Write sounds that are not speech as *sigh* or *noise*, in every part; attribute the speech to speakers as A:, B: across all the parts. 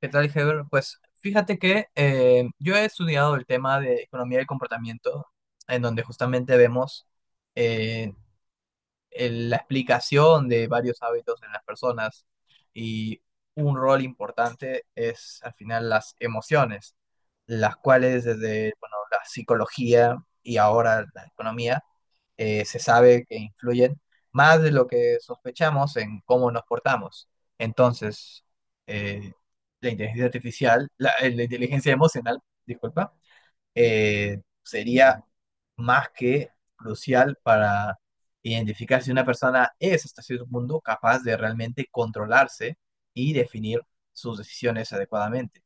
A: ¿Qué tal, Heber? Pues fíjate que yo he estudiado el tema de economía del comportamiento, en donde justamente vemos, eh, la explicación de varios hábitos en las personas y un rol importante es, al final, las emociones, las cuales desde, bueno, la psicología y ahora la economía, se sabe que influyen más de lo que sospechamos en cómo nos portamos. Entonces, eh, la inteligencia artificial, la, la inteligencia emocional, disculpa, sería más que crucial para identificar si una persona es hasta cierto punto capaz de realmente controlarse y definir sus decisiones adecuadamente.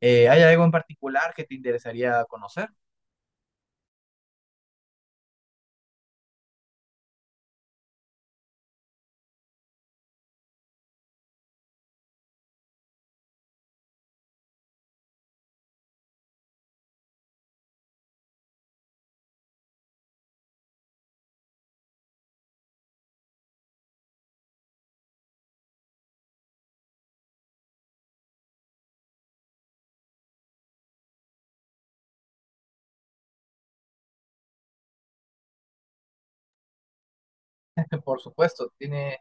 A: ¿hay algo en particular que te interesaría conocer? *laughs* Por supuesto, tiene,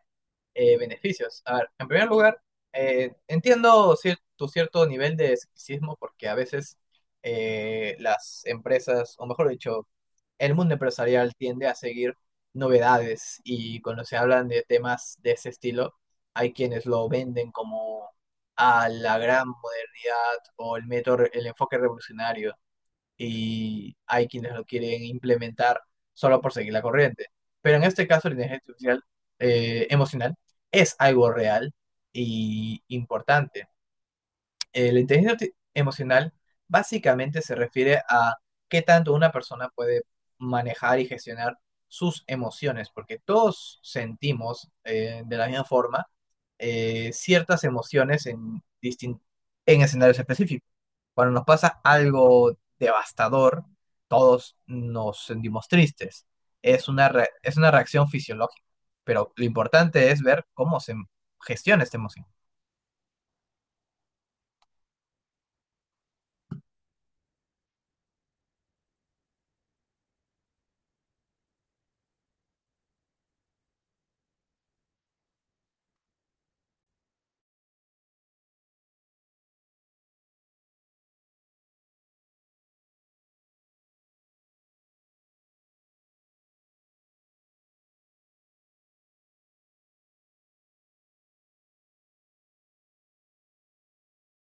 A: beneficios. A ver, en primer lugar, entiendo tu cierto nivel de escepticismo porque a veces, las empresas, o mejor dicho, el mundo empresarial tiende a seguir novedades, y cuando se hablan de temas de ese estilo, hay quienes lo venden como a la gran modernidad o el método, el enfoque revolucionario, y hay quienes lo quieren implementar solo por seguir la corriente. Pero en este caso, la inteligencia artificial, emocional, es algo real y importante. La inteligencia emocional básicamente se refiere a qué tanto una persona puede manejar y gestionar sus emociones, porque todos sentimos, de la misma forma, ciertas emociones en, en escenarios específicos. Cuando nos pasa algo devastador, todos nos sentimos tristes. Es una, es una reacción fisiológica, pero lo importante es ver cómo se gestiona esta emoción.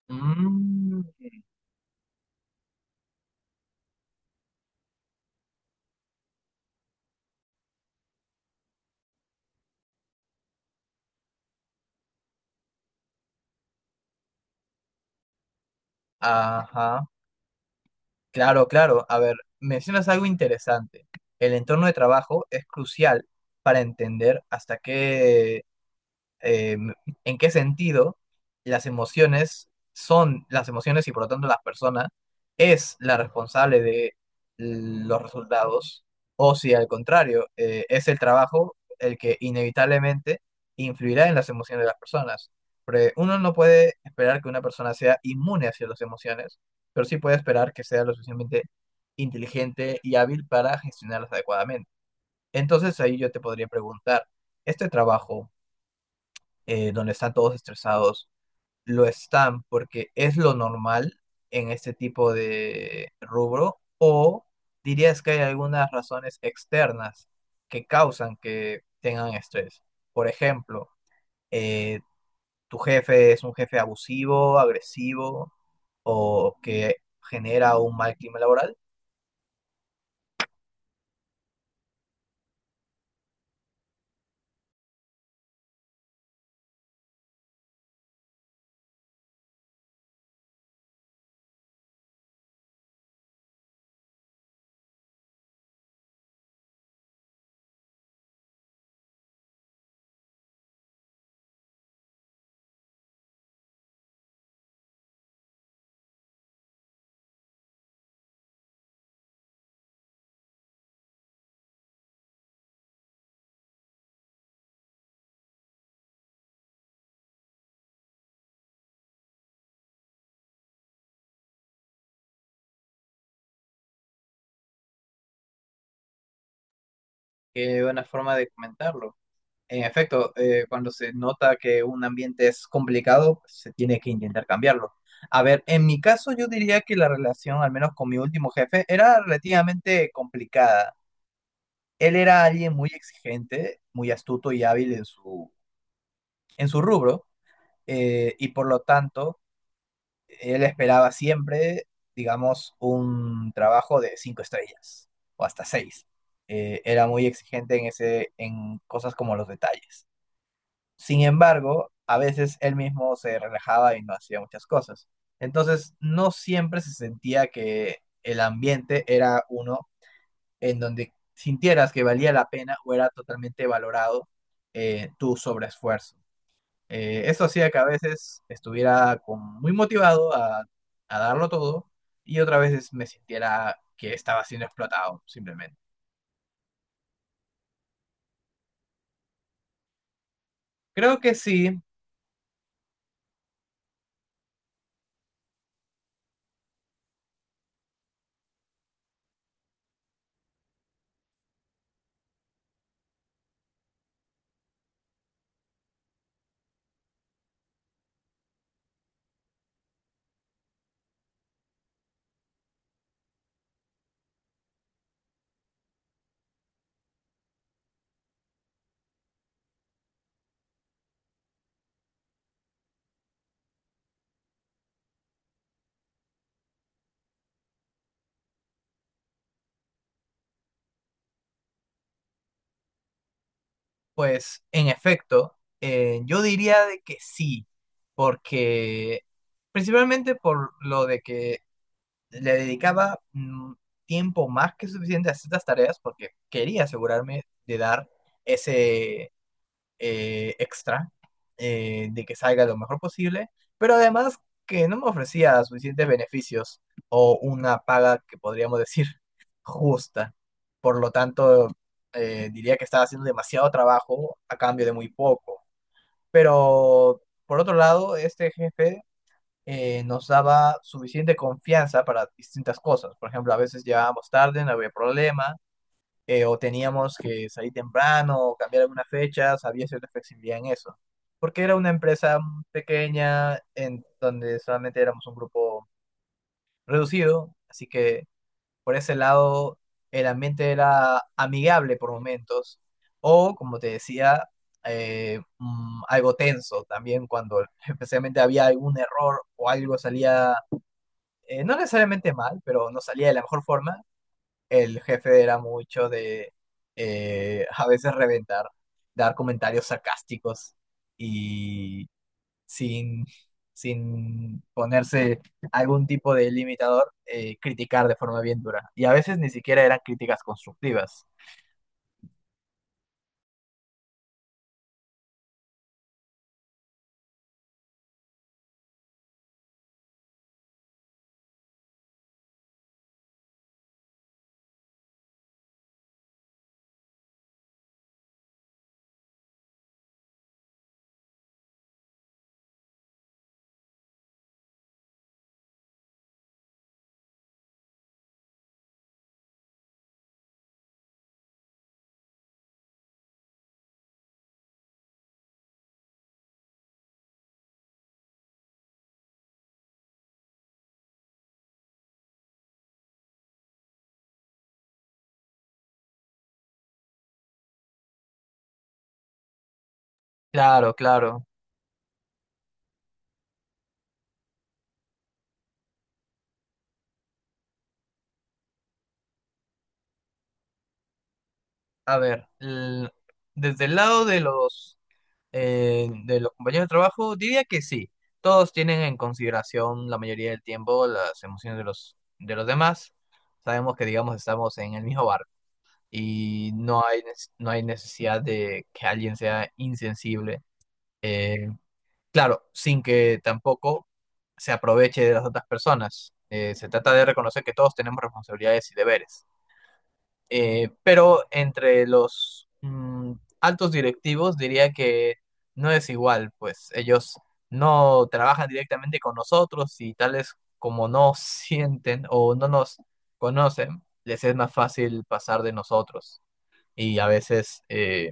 A: Mm, ajá, claro, claro. A ver, mencionas algo interesante. El entorno de trabajo es crucial para entender hasta qué, eh, en qué sentido las emociones son las emociones y por lo tanto las personas es la responsable de los resultados, o si al contrario, es el trabajo el que inevitablemente influirá en las emociones de las personas. Porque uno no puede esperar que una persona sea inmune hacia las emociones, pero sí puede esperar que sea lo suficientemente inteligente y hábil para gestionarlas adecuadamente. Entonces ahí yo te podría preguntar, ¿este trabajo, donde están todos estresados, lo están porque es lo normal en este tipo de rubro, o dirías que hay algunas razones externas que causan que tengan estrés? Por ejemplo, eh, tu jefe es un jefe abusivo, agresivo, o que genera un mal clima laboral. Qué buena forma de comentarlo. En efecto, cuando se nota que un ambiente es complicado, se tiene que intentar cambiarlo. A ver, en mi caso yo diría que la relación, al menos con mi último jefe, era relativamente complicada. Él era alguien muy exigente, muy astuto y hábil en su rubro, y por lo tanto, él esperaba siempre, digamos, un trabajo de cinco estrellas o hasta seis. Era muy exigente en ese, en cosas como los detalles. Sin embargo, a veces él mismo se relajaba y no hacía muchas cosas. Entonces, no siempre se sentía que el ambiente era uno en donde sintieras que valía la pena o era totalmente valorado, tu sobreesfuerzo. Eso hacía que a veces estuviera muy motivado a darlo todo, y otras veces me sintiera que estaba siendo explotado, simplemente. Creo que sí. Pues en efecto, yo diría de que sí, porque principalmente por lo de que le dedicaba, tiempo más que suficiente a ciertas tareas, porque quería asegurarme de dar ese, extra, de que salga lo mejor posible, pero además que no me ofrecía suficientes beneficios o una paga que podríamos *laughs* decir justa. Por lo tanto, diría que estaba haciendo demasiado trabajo a cambio de muy poco. Pero por otro lado, este jefe, nos daba suficiente confianza para distintas cosas. Por ejemplo, a veces llegábamos tarde, no había problema, o teníamos que salir temprano o cambiar algunas fechas, había cierta flexibilidad en eso. Porque era una empresa pequeña en donde solamente éramos un grupo reducido, así que por ese lado el ambiente era amigable por momentos, o como te decía, algo tenso también cuando *laughs* especialmente había algún error o algo salía, no necesariamente mal, pero no salía de la mejor forma. El jefe era mucho de, a veces reventar, dar comentarios sarcásticos, y sin, sin ponerse algún tipo de limitador, criticar de forma bien dura. Y a veces ni siquiera eran críticas constructivas. Claro, claro. A ver, desde el lado de los, de los compañeros de trabajo, diría que sí. Todos tienen en consideración la mayoría del tiempo las emociones de los demás. Sabemos que, digamos, estamos en el mismo barco y no hay, no hay necesidad de que alguien sea insensible. Eh, claro, sin que tampoco se aproveche de las otras personas. Se trata de reconocer que todos tenemos responsabilidades y deberes. Pero entre los, altos directivos diría que no es igual, pues ellos no trabajan directamente con nosotros y tales como no *laughs* sienten o no nos conocen, les es más fácil pasar de nosotros. Y a veces,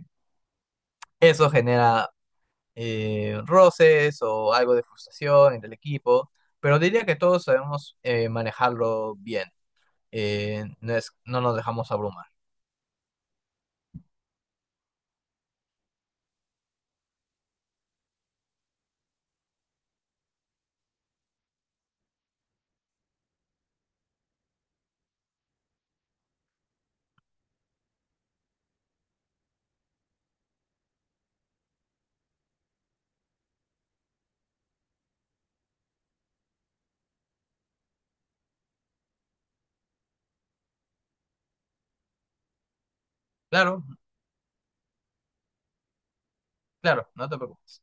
A: eso genera, roces o algo de frustración entre el equipo, pero diría que todos sabemos, manejarlo bien. No nos dejamos abrumar. Claro. Claro, no te preocupes.